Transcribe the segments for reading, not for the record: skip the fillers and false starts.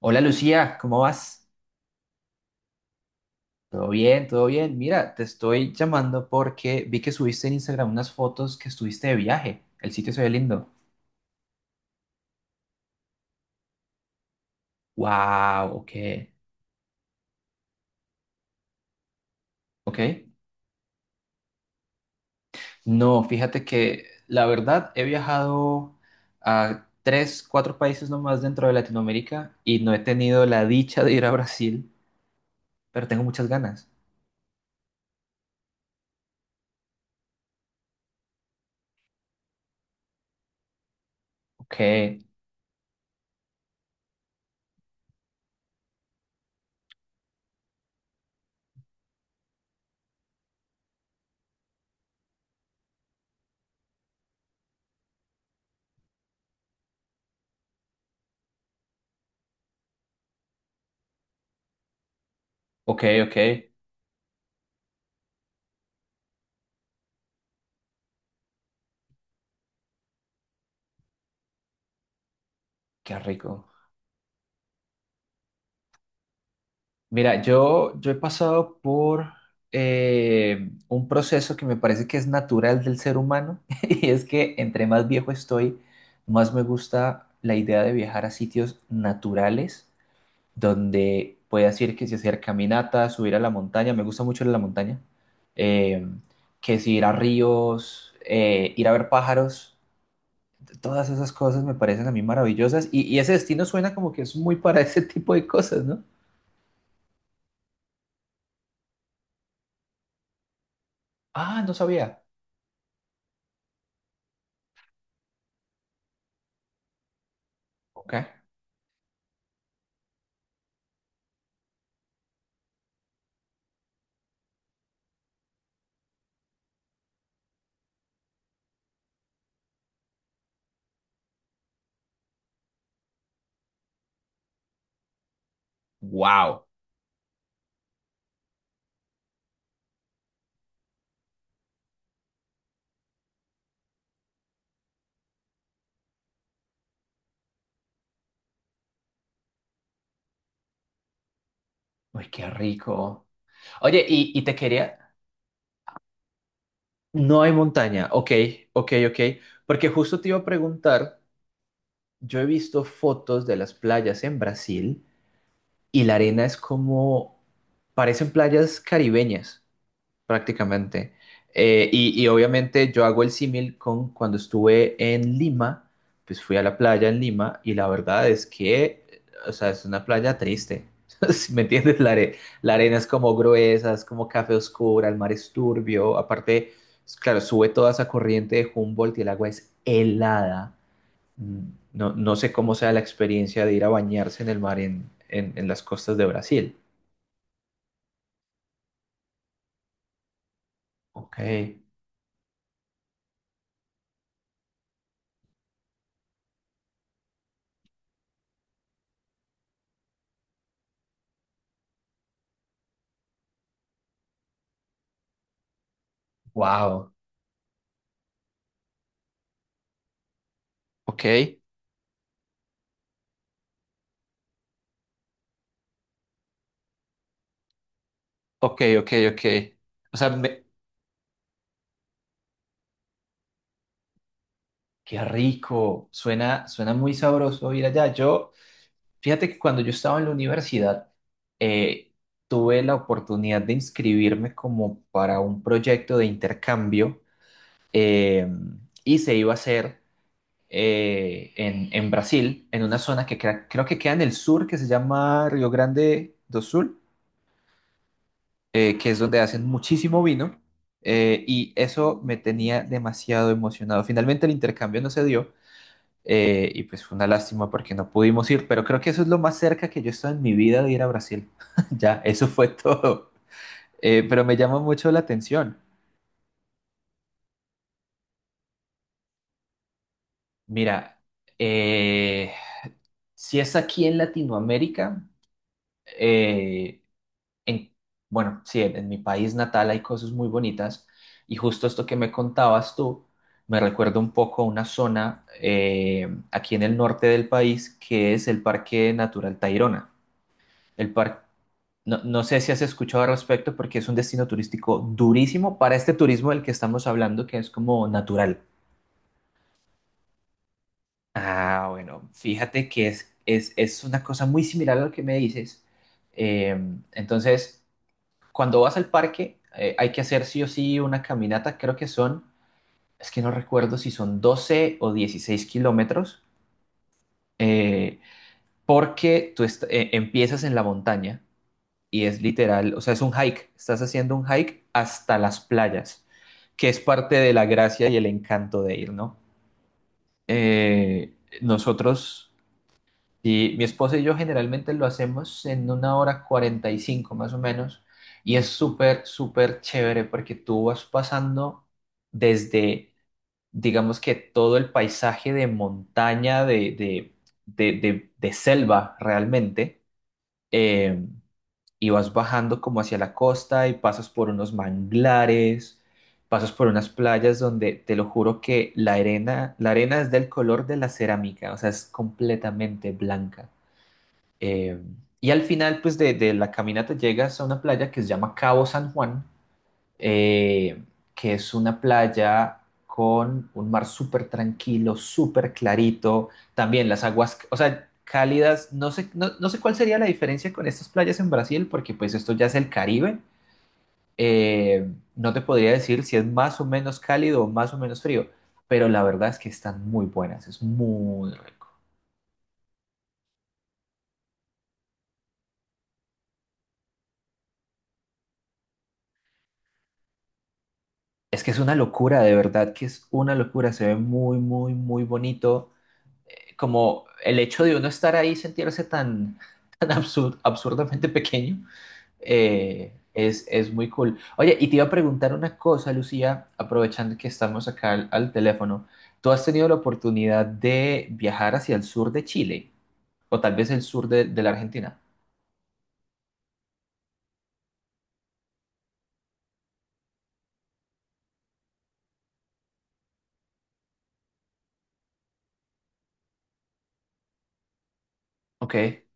Hola Lucía, ¿cómo vas? ¿Todo bien? ¿Todo bien? Mira, te estoy llamando porque vi que subiste en Instagram unas fotos que estuviste de viaje. El sitio se ve lindo. Wow, ok, ok. No, fíjate que la verdad he viajado a tres, cuatro países nomás dentro de Latinoamérica y no he tenido la dicha de ir a Brasil, pero tengo muchas ganas. Ok, ok, ok. Qué rico. Mira, yo he pasado por un proceso que me parece que es natural del ser humano y es que entre más viejo estoy, más me gusta la idea de viajar a sitios naturales donde puedas ir que si hacer caminatas, subir a la montaña, me gusta mucho ir a la montaña, eh, que si ir a ríos, ir a ver pájaros, todas esas cosas me parecen a mí maravillosas y ese destino suena como que es muy para ese tipo de cosas, ¿no? Ah, no sabía. Ok. Wow. Uy, qué rico. Oye, y te quería. No hay montaña. Ok, ok, ok. Porque justo te iba a preguntar, yo he visto fotos de las playas en Brasil y la arena es como, parecen playas caribeñas, prácticamente. Y obviamente yo hago el símil con cuando estuve en Lima, pues fui a la playa en Lima y la verdad es que, o sea, es una playa triste. Si me entiendes, la arena es como gruesa, es como café oscura, el mar es turbio. Aparte, claro, sube toda esa corriente de Humboldt y el agua es helada. No, no sé cómo sea la experiencia de ir a bañarse en el mar en, en las costas de Brasil. Ok, wow. Ok. Ok, ok, ok. O sea, qué rico. Suena, suena muy sabroso ir allá. Yo, fíjate que cuando yo estaba en la universidad, eh, tuve la oportunidad de inscribirme como para un proyecto de intercambio eh, y se iba a hacer en Brasil, en una zona que creo que queda en el sur, que se llama Río Grande do Sul. Que es donde hacen muchísimo vino, y eso me tenía demasiado emocionado. Finalmente el intercambio no se dio, y pues fue una lástima porque no pudimos ir, pero creo que eso es lo más cerca que yo he estado en mi vida de ir a Brasil. Ya, eso fue todo. Pero me llama mucho la atención. Mira, eh, si es aquí en Latinoamérica, eh, en, bueno, sí, en mi país natal hay cosas muy bonitas y justo esto que me contabas tú me recuerda un poco a una zona aquí en el norte del país que es el Parque Natural Tayrona. El par- no, no sé si has escuchado al respecto porque es un destino turístico durísimo para este turismo del que estamos hablando que es como natural. Ah, bueno, fíjate que es una cosa muy similar a lo que me dices. Eh, entonces... cuando vas al parque, hay que hacer sí o sí una caminata, creo que son, es que no recuerdo si son 12 o 16 kilómetros, eh, porque empiezas en la montaña y es literal, o sea, es un hike, estás haciendo un hike hasta las playas, que es parte de la gracia y el encanto de ir, ¿no? Eh, nosotros Y mi esposa y yo generalmente lo hacemos en una hora 45 más o menos. Y es súper, súper chévere porque tú vas pasando desde, digamos que todo el paisaje de montaña, de, de selva realmente. eh, y vas bajando como hacia la costa y pasas por unos manglares, pasas por unas playas donde te lo juro que la arena es del color de la cerámica, o sea, es completamente blanca. Eh, y al final, pues, de la caminata llegas a una playa que se llama Cabo San Juan, eh, que es una playa con un mar súper tranquilo, súper clarito. También las aguas, o sea, cálidas. No sé, cuál sería la diferencia con estas playas en Brasil, porque pues esto ya es el Caribe. Eh, no te podría decir si es más o menos cálido o más o menos frío, pero la verdad es que están muy buenas, es muy rico. Es que es una locura, de verdad que es una locura, se ve muy, muy, muy bonito. Como el hecho de uno estar ahí y sentirse tan, tan absurdamente pequeño, es muy cool. Oye, y te iba a preguntar una cosa, Lucía, aprovechando que estamos acá al, al teléfono. ¿Tú has tenido la oportunidad de viajar hacia el sur de Chile o tal vez el sur de la Argentina? Ok.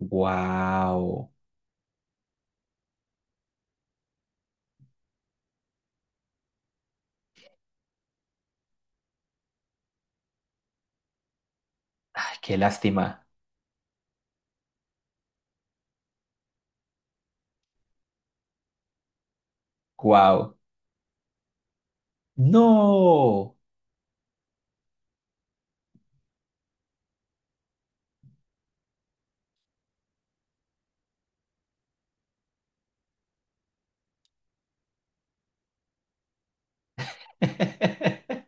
Wow. Ay, qué lástima. Wow. No.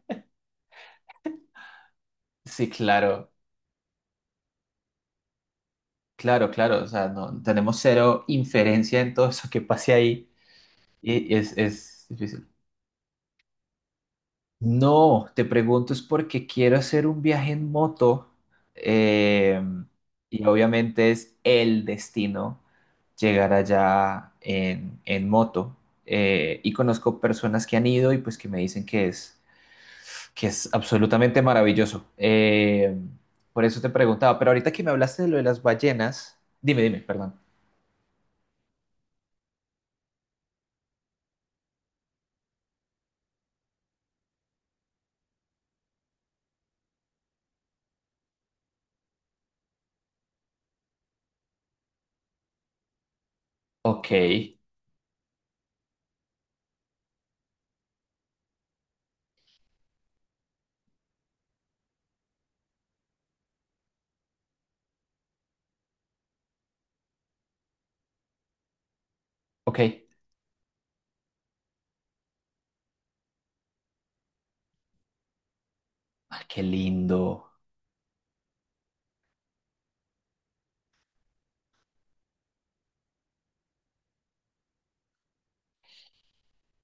Sí, claro, claro, claro. O sea, no tenemos cero inferencia en todo eso que pase ahí y es difícil. No, te pregunto es porque quiero hacer un viaje en moto eh, y obviamente es el destino llegar allá en moto. Y conozco personas que han ido y pues que me dicen que es absolutamente maravilloso. Por eso te preguntaba, pero ahorita que me hablaste de lo de las ballenas, dime, dime, perdón. Ok, ok. Ah, qué lindo.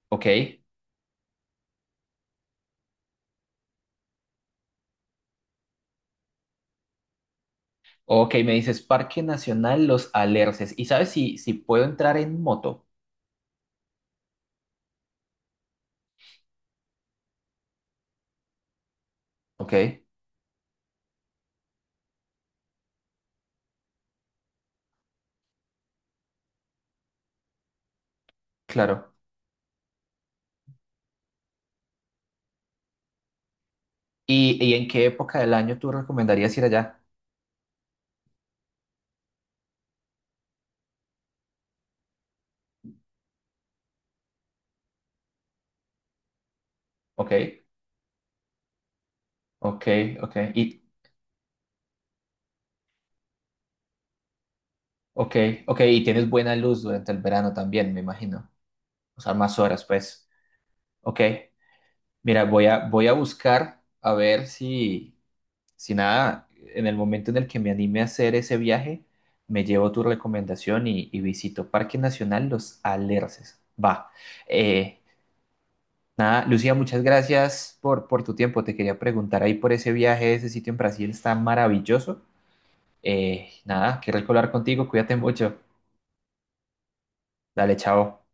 Ok, ok. Me dices Parque Nacional Los Alerces. ¿Y sabes si, si puedo entrar en moto? Ok, claro. ¿Y en qué época del año tú recomendarías ir allá? Ok, ok, ok. Ok, ok. Y tienes buena luz durante el verano también, me imagino. O sea, más horas, pues. Ok. Mira, voy a buscar a ver si. Si nada, en el momento en el que me anime a hacer ese viaje, me llevo tu recomendación y visito Parque Nacional Los Alerces. Va. Eh, nada, Lucía, muchas gracias por tu tiempo. Te quería preguntar ahí por ese viaje, ese sitio en Brasil está maravilloso. Nada, qué rico hablar contigo, cuídate mucho. Dale, chao.